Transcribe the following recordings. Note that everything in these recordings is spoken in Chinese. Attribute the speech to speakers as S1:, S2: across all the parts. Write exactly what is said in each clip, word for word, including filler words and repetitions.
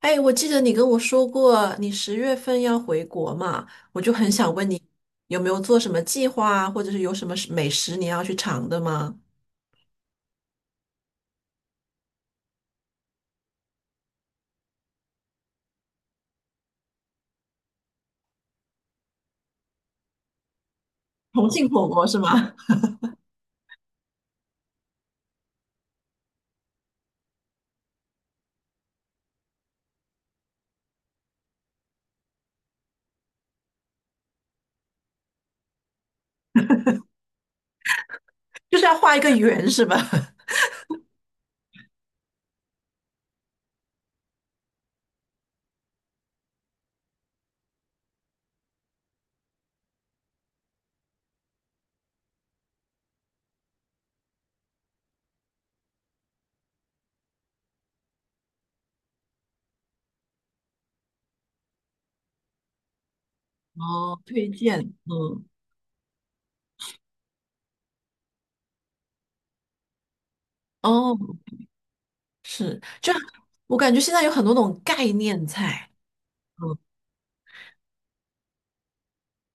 S1: 哎，我记得你跟我说过你十月份要回国嘛，我就很想问你有没有做什么计划啊，或者是有什么食美食你要去尝的吗？重庆火锅是吗？就是要画一个圆是吧？哦，推荐，嗯，哦，是，就我感觉现在有很多那种概念菜，嗯，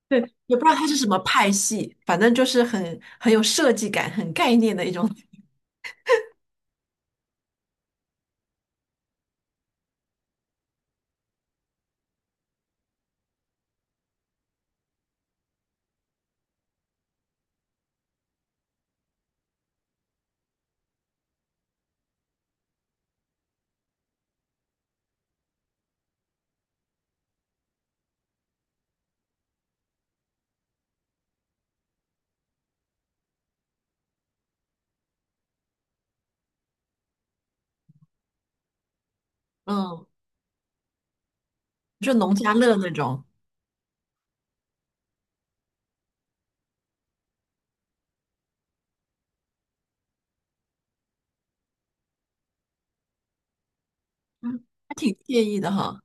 S1: 对，也不知道它是什么派系，反正就是很很有设计感、很概念的一种，嗯，就农家乐那种，嗯，还挺惬意的哈。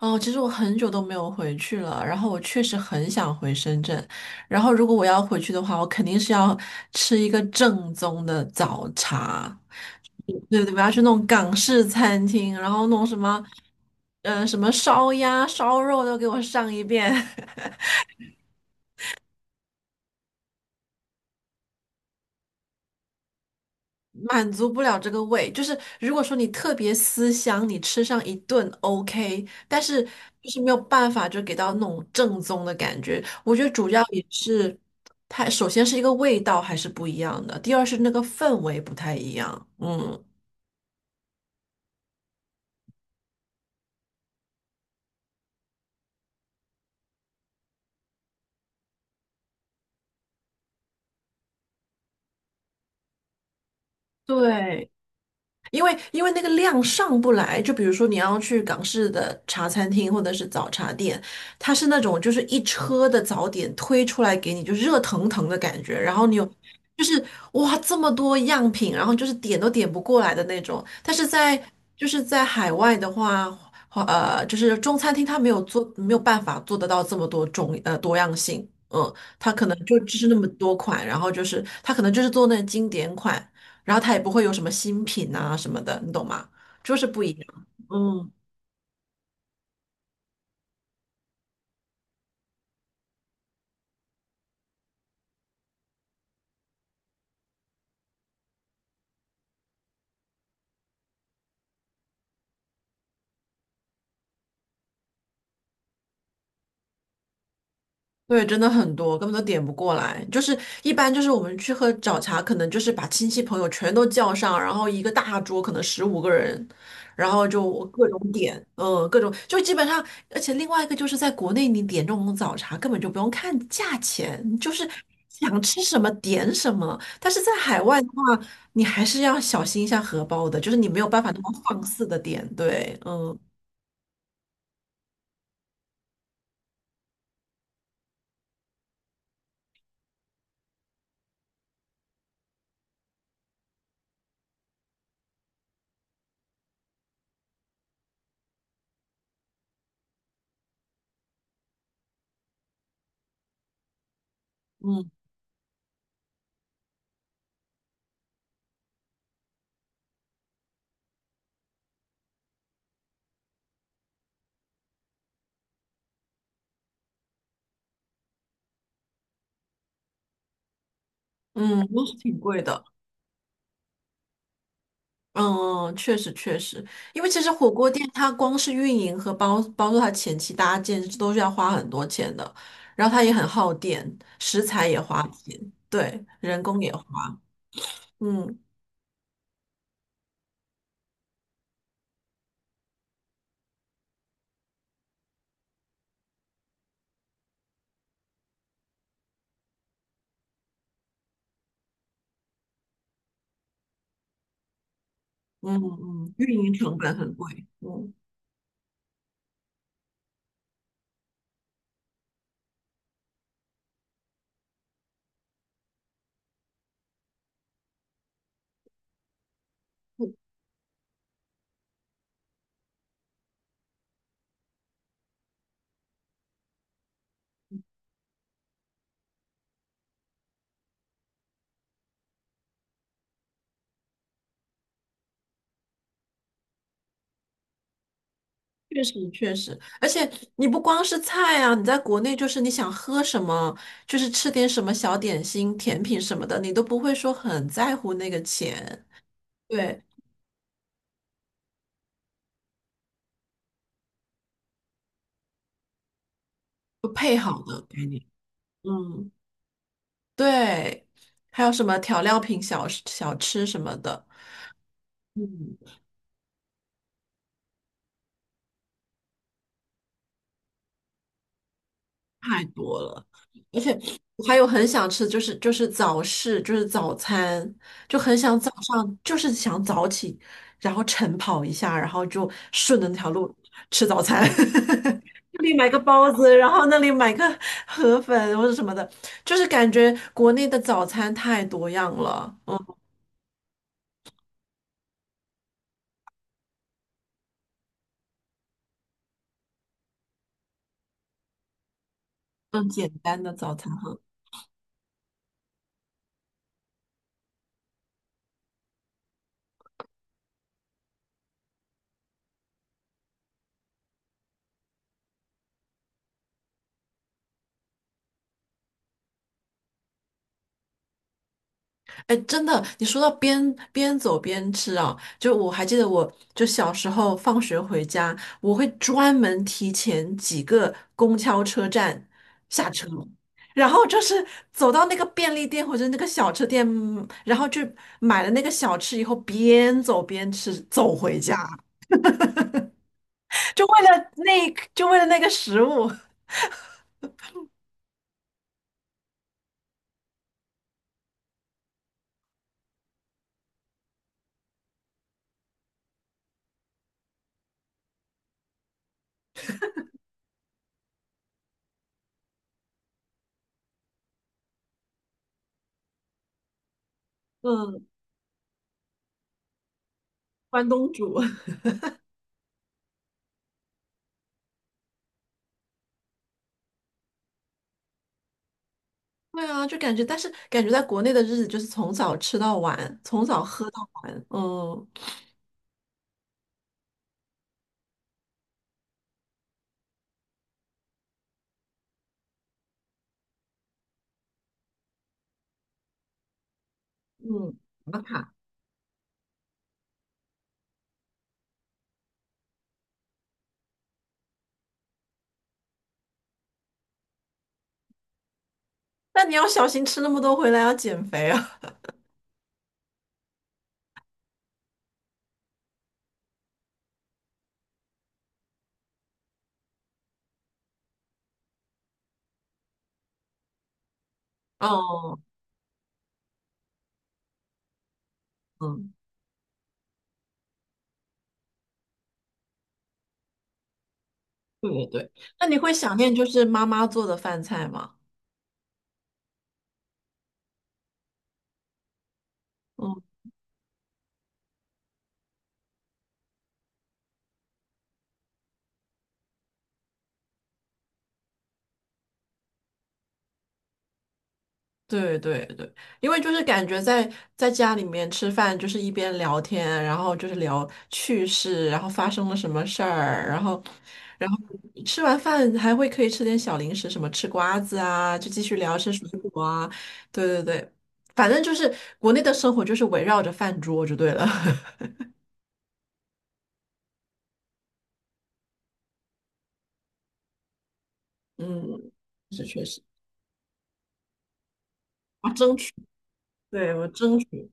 S1: 哦，其实我很久都没有回去了，然后我确实很想回深圳，然后如果我要回去的话，我肯定是要吃一个正宗的早茶，嗯对对，我要去那种港式餐厅，然后弄什么，呃，什么烧鸭、烧肉都给我上一遍。满足不了这个味，就是如果说你特别思乡，你吃上一顿 OK,但是就是没有办法就给到那种正宗的感觉。我觉得主要也是它首先是一个味道还是不一样的，第二是那个氛围不太一样。嗯，对。因为因为那个量上不来，就比如说你要去港式的茶餐厅或者是早茶店，它是那种就是一车的早点推出来给你，就热腾腾的感觉，然后你有就是哇这么多样品，然后就是点都点不过来的那种。但是在就是在海外的话，呃，就是中餐厅它没有做没有办法做得到这么多种呃多样性，嗯，它可能就只是那么多款，然后就是它可能就是做那经典款。然后它也不会有什么新品啊什么的，你懂吗？就是不一样。嗯，对，真的很多，根本都点不过来。就是一般就是我们去喝早茶，可能就是把亲戚朋友全都叫上，然后一个大桌可能十五个人，然后就各种点，嗯，各种就基本上，而且另外一个就是在国内你点这种早茶根本就不用看价钱，你就是想吃什么点什么。但是在海外的话，你还是要小心一下荷包的，就是你没有办法那么放肆的点，对，嗯。嗯嗯，都是挺贵的。嗯，确实确实，因为其实火锅店它光是运营和包包括它前期搭建都是要花很多钱的，然后它也很耗电，食材也花钱，对，人工也花，嗯嗯嗯，运营成本很贵，嗯，确实确实，而且你不光是菜啊，你在国内就是你想喝什么，就是吃点什么小点心、甜品什么的，你都不会说很在乎那个钱，对，就配好的给你。嗯，对，还有什么调料品小吃小吃什么的，嗯，太多了。而且我还有很想吃，就是就是早市，就是早餐，就很想早上，就是想早起，然后晨跑一下，然后就顺着那条路吃早餐。这里买个包子，然后那里买个河粉或者什么的，就是感觉国内的早餐太多样了，嗯，更简单的早餐。哎，真的，你说到边边走边吃啊，就我还记得我，就小时候放学回家，我会专门提前几个公交车站下车，然后就是走到那个便利店或者那个小吃店，嗯然后去买了那个小吃以后，边走边吃，走回家，就为了那一，就为了那个食物，嗯，关东煮。对啊，就感觉，但是感觉在国内的日子就是从早吃到晚，从早喝到晚，嗯。嗯，打卡。那你要小心吃那么多回来，要减肥啊。哦，嗯，对对对，那你会想念就是妈妈做的饭菜吗？嗯，对对对，因为就是感觉在在家里面吃饭，就是一边聊天，然后就是聊趣事，然后发生了什么事儿，然后然后吃完饭还会可以吃点小零食，什么吃瓜子啊，就继续聊吃水果啊。对对对，反正就是国内的生活就是围绕着饭桌就对了。嗯，是确实，啊，争取，对，我争取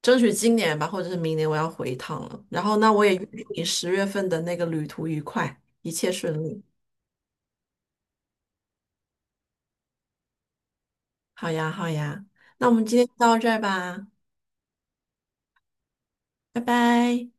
S1: 争取今年吧，或者是明年我要回一趟了。然后那我也预祝你十月份的那个旅途愉快，一切顺利。好呀，好呀，那我们今天就到这儿吧，拜拜。